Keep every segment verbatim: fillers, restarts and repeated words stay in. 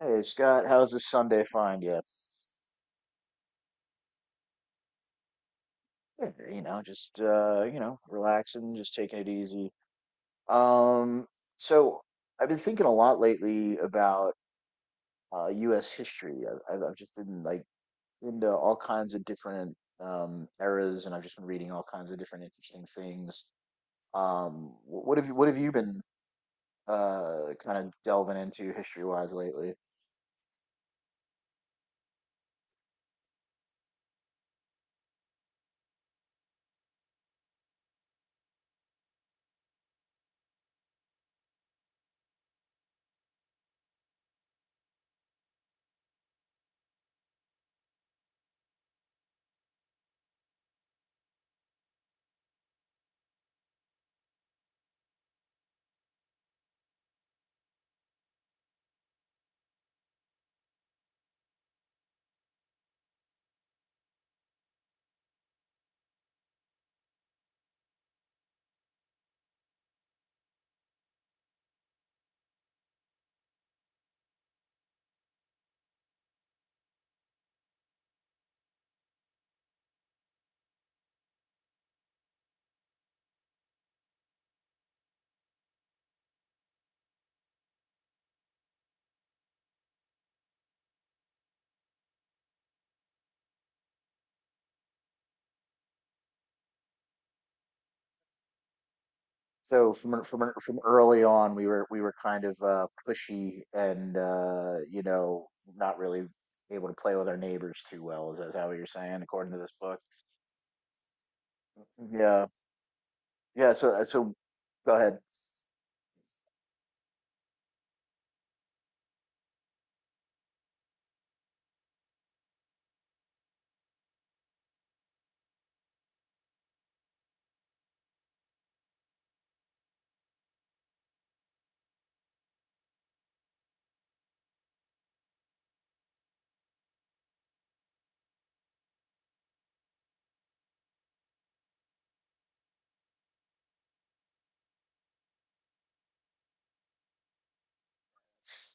Hey Scott, how's this Sunday find you? Yeah, You know, just uh, you know, relaxing, just taking it easy. Um, so I've been thinking a lot lately about uh U S history. I've I've I've just been like into all kinds of different um eras, and I've just been reading all kinds of different interesting things. Um, wh- what have you what have you been uh kind of delving into history-wise lately? So from er, from er, from early on, we were we were kind of uh, pushy and uh, you know not really able to play with our neighbors too well. Is that how you're saying, according to this book? Yeah, yeah. So uh, so go ahead.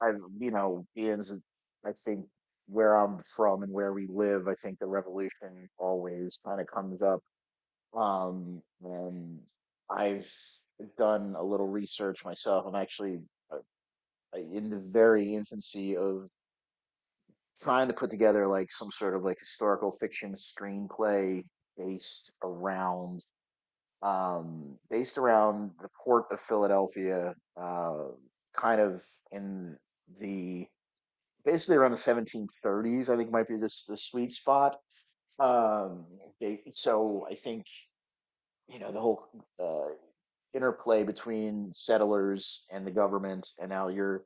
I you know Ian's. I think where I'm from and where we live, I think the revolution always kind of comes up. Um, and I've done a little research myself. I'm actually uh, in the very infancy of trying to put together like some sort of like historical fiction screenplay based around um based around the port of Philadelphia, uh kind of in the basically around the seventeen thirties. I think might be this the sweet spot. um they, so I think you know the whole uh interplay between settlers and the government, and now you're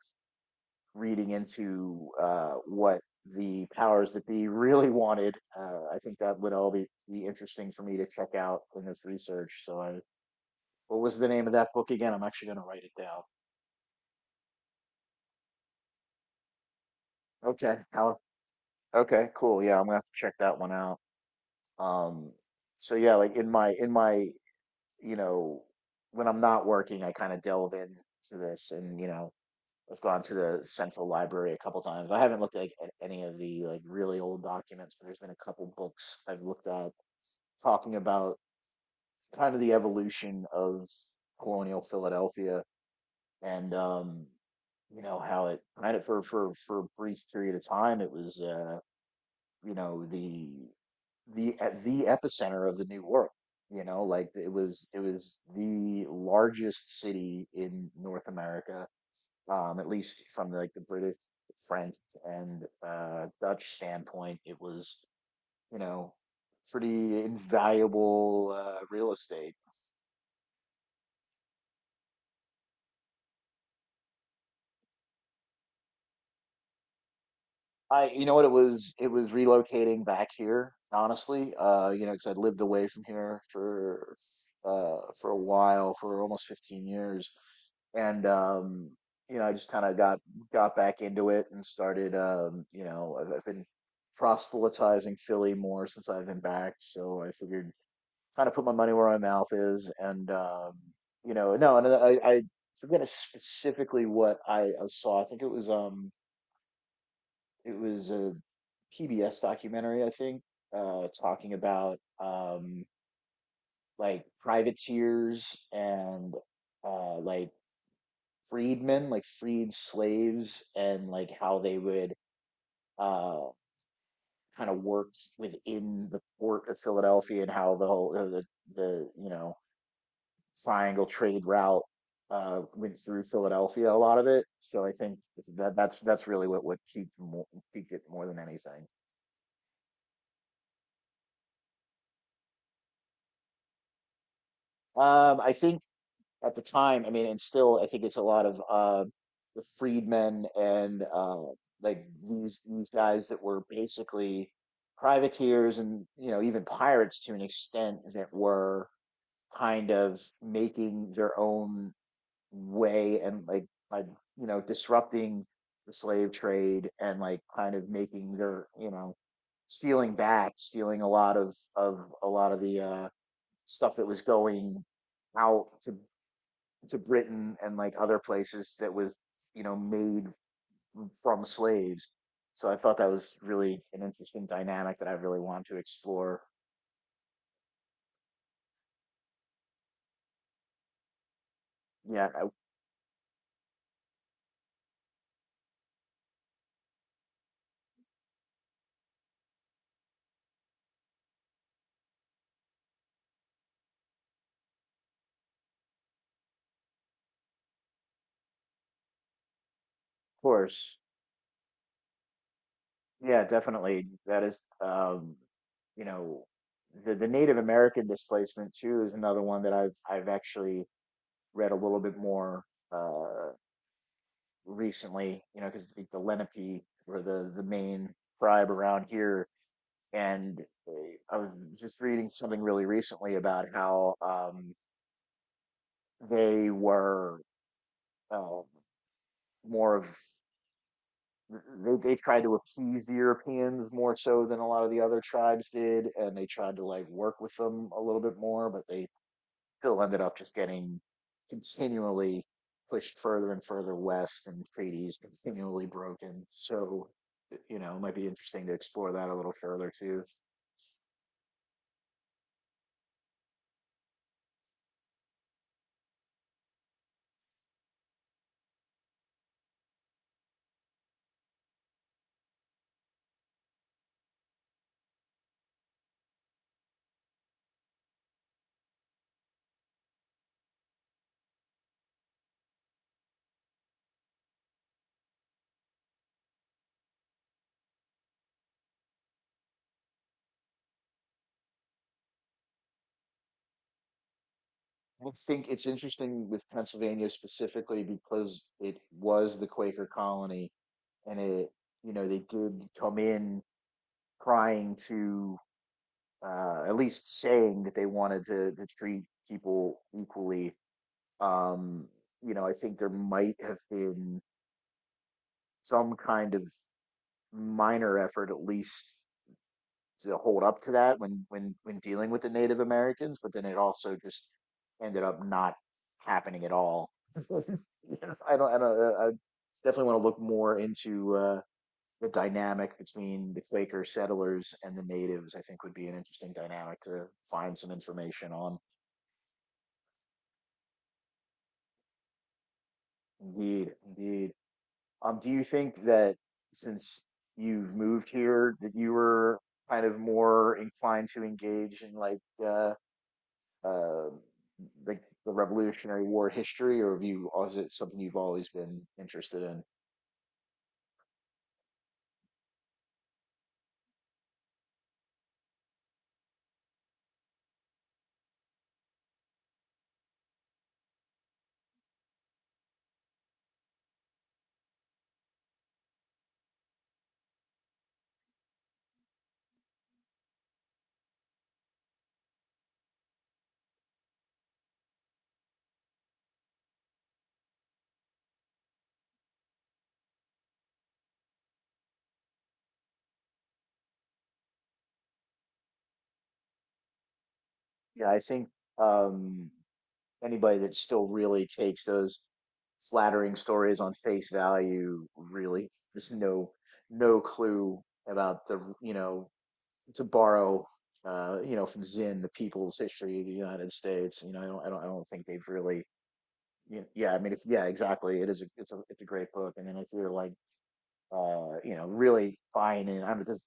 reading into uh, what the powers that be really wanted. Uh, I think that would all be, be interesting for me to check out in this research. So, I, what was the name of that book again? I'm actually going to write it down. Okay. How? Okay. Cool. Yeah, I'm gonna have to check that one out. Um. So yeah, like in my in my you know when I'm not working, I kind of delve into this, and you know I've gone to the central library a couple times. I haven't looked at, like, at any of the like really old documents, but there's been a couple books I've looked at talking about kind of the evolution of colonial Philadelphia, and um you know how it kind of for for for a brief period of time it was uh you know the the e- the epicenter of the new world. You know, like it was it was the largest city in North America, um at least from like the British, French, and uh Dutch standpoint. It was, you know, pretty invaluable uh, real estate. I, you know what, it was it was relocating back here, honestly. Uh, you know, because I'd lived away from here for uh for a while, for almost fifteen years, and um, you know, I just kind of got got back into it and started. Um, you know, I've, I've been proselytizing Philly more since I've been back, so I figured kind of put my money where my mouth is, and um, you know, no, and I I I forget specifically what I, I saw. I think it was um it was a P B S documentary, I think, uh, talking about um, like privateers and uh, like freedmen, like freed slaves, and like how they would uh, kind of work within the port of Philadelphia, and how the whole uh, the the you know triangle trade route uh, went through Philadelphia. A lot of it. So I think that that's that's really what what peaked more, peaked it more than anything. Um, I think at the time, I mean, and still, I think it's a lot of uh, the freedmen and uh, like these these guys that were basically privateers and you know even pirates to an extent, that were kind of making their own way, and like by you know disrupting the slave trade, and like kind of making their you know stealing back, stealing a lot of of a lot of the uh, stuff that was going out to to Britain and like other places, that was, you know, made from slaves. So I thought that was really an interesting dynamic that I really wanted to explore. Yeah, of course. Yeah, definitely. That is, um, you know, the the Native American displacement too is another one that I've I've actually read a little bit more uh, recently. You know, because the, the Lenape were the the main tribe around here, and uh, I was just reading something really recently about how um, they were uh, more of they, they tried to appease the Europeans more so than a lot of the other tribes did, and they tried to like work with them a little bit more, but they still ended up just getting continually pushed further and further west, and treaties continually broken. So, you know, it might be interesting to explore that a little further too. I think it's interesting with Pennsylvania specifically because it was the Quaker colony, and it, you know, they did come in trying to, uh, at least saying that they wanted to, to treat people equally. Um, you know, I think there might have been some kind of minor effort, at least, to hold up to that when when when dealing with the Native Americans, but then it also just ended up not happening at all. I don't, I don't, uh, I definitely want to look more into uh, the dynamic between the Quaker settlers and the natives. I think would be an interesting dynamic to find some information on. Indeed, indeed. Um, do you think that since you've moved here, that you were kind of more inclined to engage in like uh, um like the Revolutionary War history, or have you, or is it something you've always been interested in? Yeah, I think um, anybody that still really takes those flattering stories on face value, really there's no no clue about the you know, to borrow uh you know from Zinn, the people's history of the United States, you know, I don't I don't I don't think they've really y- yeah. I mean if, yeah, exactly, it is a, it's a it's a great book. And then if you're like uh you know really buying in, I mean, there's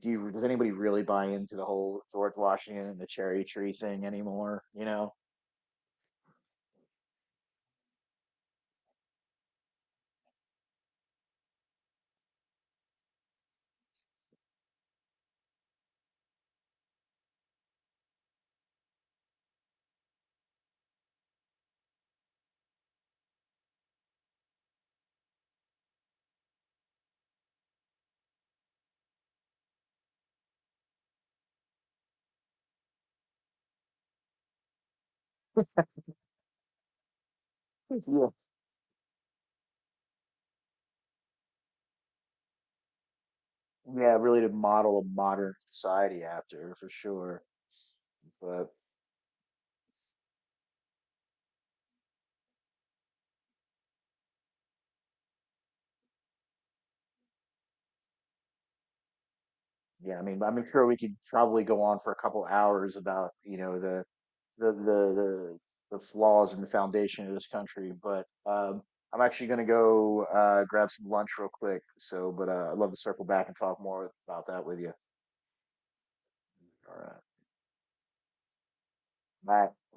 do you, does anybody really buy into the whole George Washington and the cherry tree thing anymore? You know, yeah, yeah, really to model a modern society after, for sure. But yeah, I mean, I'm sure we could probably go on for a couple hours about you know the the the the, the flaws in the foundation of this country. But um, I'm actually going to go uh, grab some lunch real quick. So, but uh, I'd love to circle back and talk more about that with you. All right, bye.